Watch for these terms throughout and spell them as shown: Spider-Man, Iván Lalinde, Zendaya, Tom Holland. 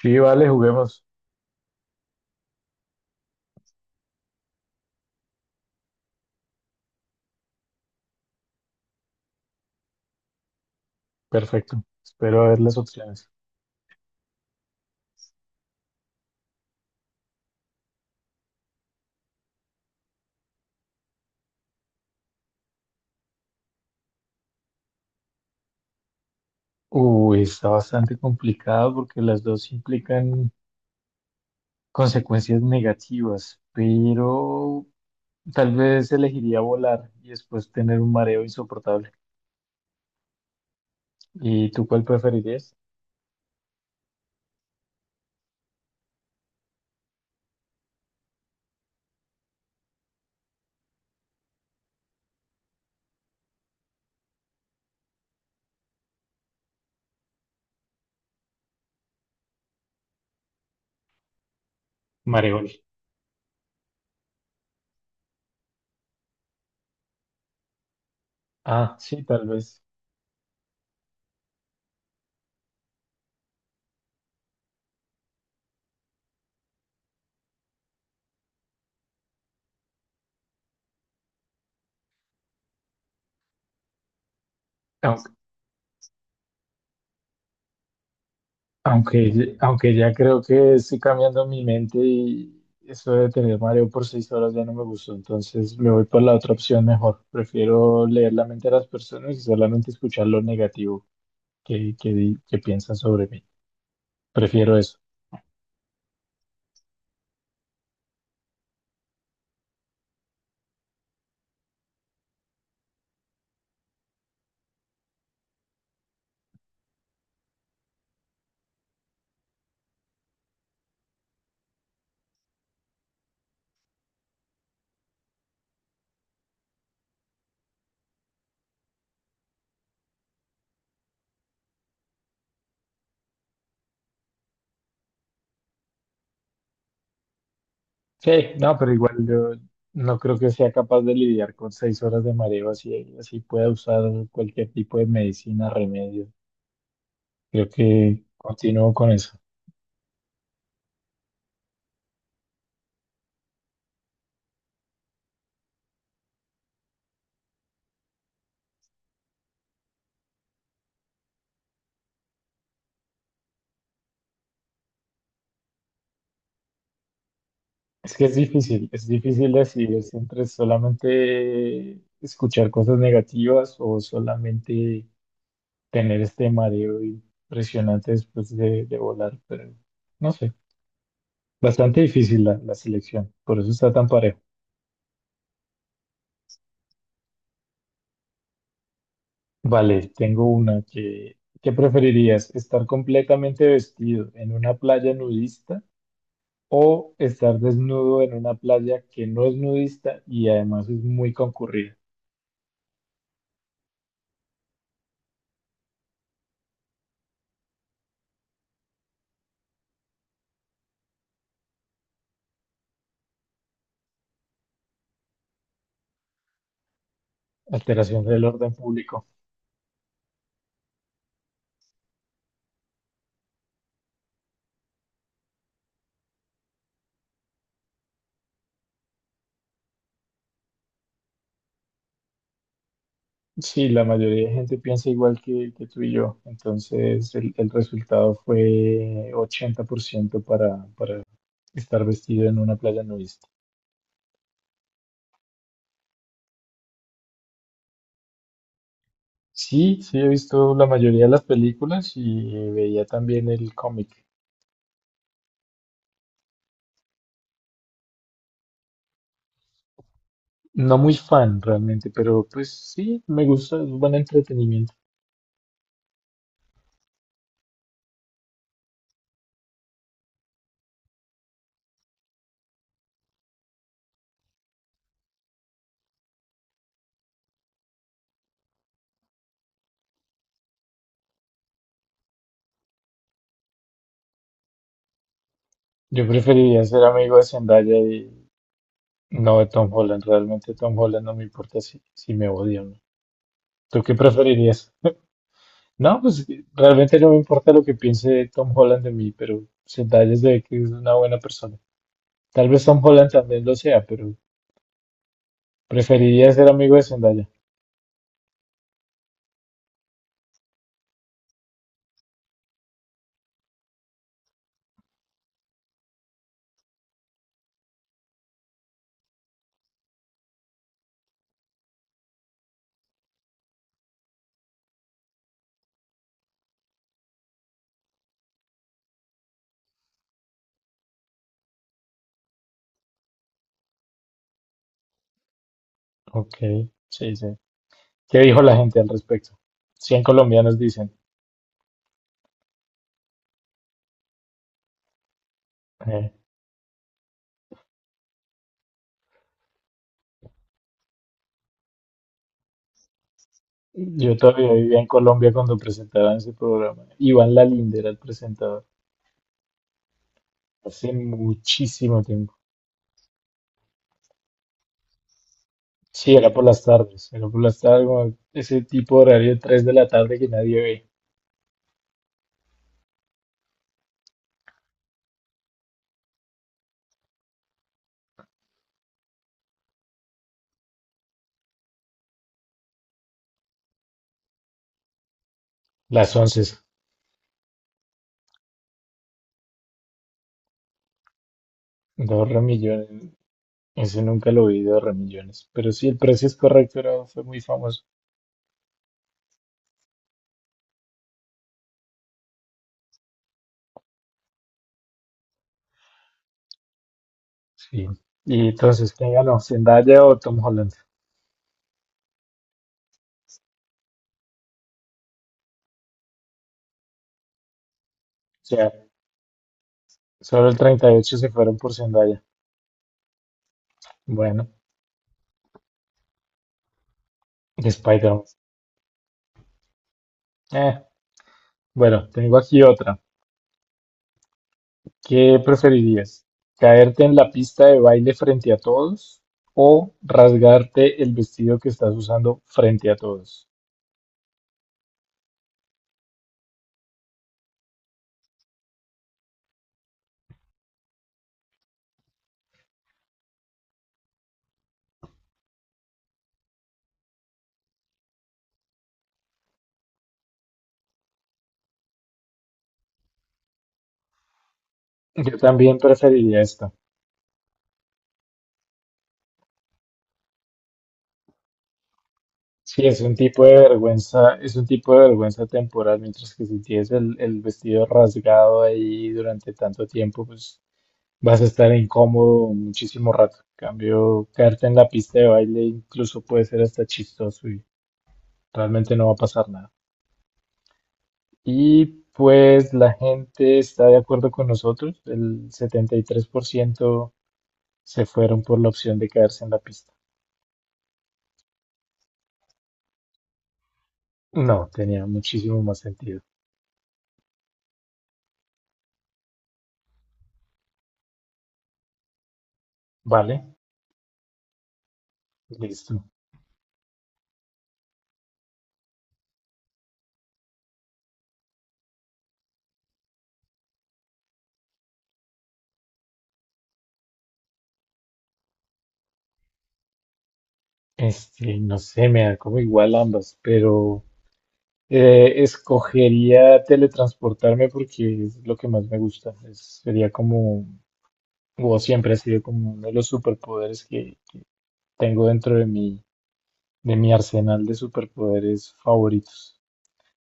Sí, vale, juguemos. Perfecto. Espero a ver las opciones. Uy, está bastante complicado porque las dos implican consecuencias negativas, pero tal vez elegiría volar y después tener un mareo insoportable. ¿Y tú cuál preferirías? Mareol. Ah, sí, tal vez. Aunque ya creo que estoy cambiando mi mente y eso de tener mareo por 6 horas ya no me gustó, entonces me voy por la otra opción mejor. Prefiero leer la mente de las personas y solamente escuchar lo negativo que piensan sobre mí. Prefiero eso. Sí, no, pero igual yo no creo que sea capaz de lidiar con 6 horas de mareo así pueda usar cualquier tipo de medicina, remedio. Creo que continúo con eso. Es que es difícil decidir es entre solamente escuchar cosas negativas o solamente tener este mareo impresionante después de volar, pero no sé, bastante difícil la selección, por eso está tan parejo. Vale, tengo una que, ¿qué preferirías? ¿Estar completamente vestido en una playa nudista o estar desnudo en una playa que no es nudista y además es muy concurrida? Alteración del orden público. Sí, la mayoría de gente piensa igual que tú y yo. Entonces, el resultado fue 80% para estar vestido en una playa nudista. Sí, sí, he visto la mayoría de las películas y veía también el cómic. No muy fan realmente, pero pues sí, me gusta, es buen entretenimiento. Yo preferiría ser amigo de Zendaya y no de Tom Holland. Realmente Tom Holland no me importa si me odia o no. ¿Tú qué preferirías? No, pues realmente no me importa lo que piense Tom Holland de mí, pero Zendaya se ve que es una buena persona. Tal vez Tom Holland también lo sea, pero preferiría ser amigo de Zendaya. Ok, sí, sí. ¿Qué dijo la gente al respecto? 100 colombianos dicen. eh, yo todavía vivía en Colombia cuando presentaban ese programa. Iván Lalinde era el presentador. Hace muchísimo tiempo. Sí, era por las tardes. Era por las tardes, como ese tipo de horario 3 de la tarde que nadie ve. Las 11. Dos remillones. Ese nunca lo vi de Remillones, pero sí, el precio es correcto, fue muy famoso. Sí. Y entonces, ¿quién ganó? ¿Zendaya o Tom Holland? O sea, solo el 38 se fueron por Zendaya. Bueno, y Spider-Man. Eh, bueno, tengo aquí otra. ¿Qué preferirías? ¿Caerte en la pista de baile frente a todos o rasgarte el vestido que estás usando frente a todos? Yo también preferiría esta. Sí, es un tipo de vergüenza, es un tipo de vergüenza temporal, mientras que si tienes el vestido rasgado ahí durante tanto tiempo, pues vas a estar incómodo muchísimo rato. En cambio, caerte en la pista de baile incluso puede ser hasta chistoso y realmente no va a pasar nada. Y pues la gente está de acuerdo con nosotros, el 73% se fueron por la opción de caerse en la pista. No, tenía muchísimo más sentido. Vale, listo. Este, no sé, me da como igual ambas, pero escogería teletransportarme porque es lo que más me gusta. Sería como, o siempre ha sido como uno de los superpoderes que tengo dentro de mi arsenal de superpoderes favoritos.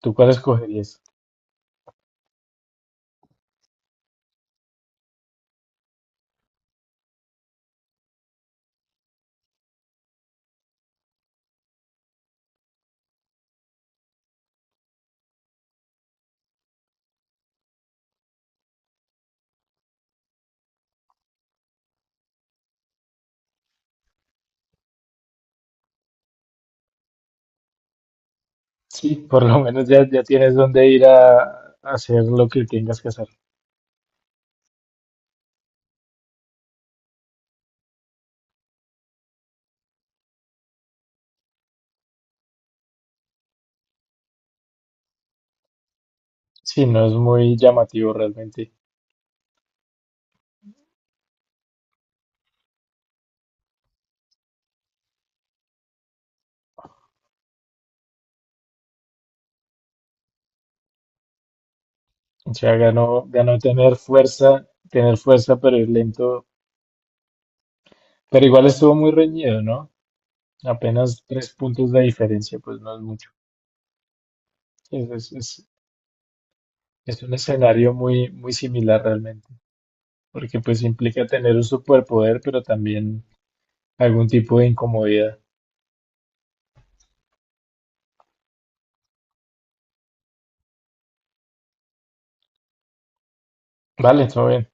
¿Tú cuál escogerías? Sí, por lo menos ya, ya tienes dónde ir a hacer lo que tengas que hacer. Sí, no es muy llamativo realmente. O sea, ganó tener fuerza, pero ir lento. Pero igual estuvo muy reñido, ¿no? Apenas 3 puntos de diferencia, pues no es mucho. Sí, es un escenario muy, muy similar realmente, porque pues implica tener un superpoder, pero también algún tipo de incomodidad. Vale, todo bien.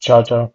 Chao, chao.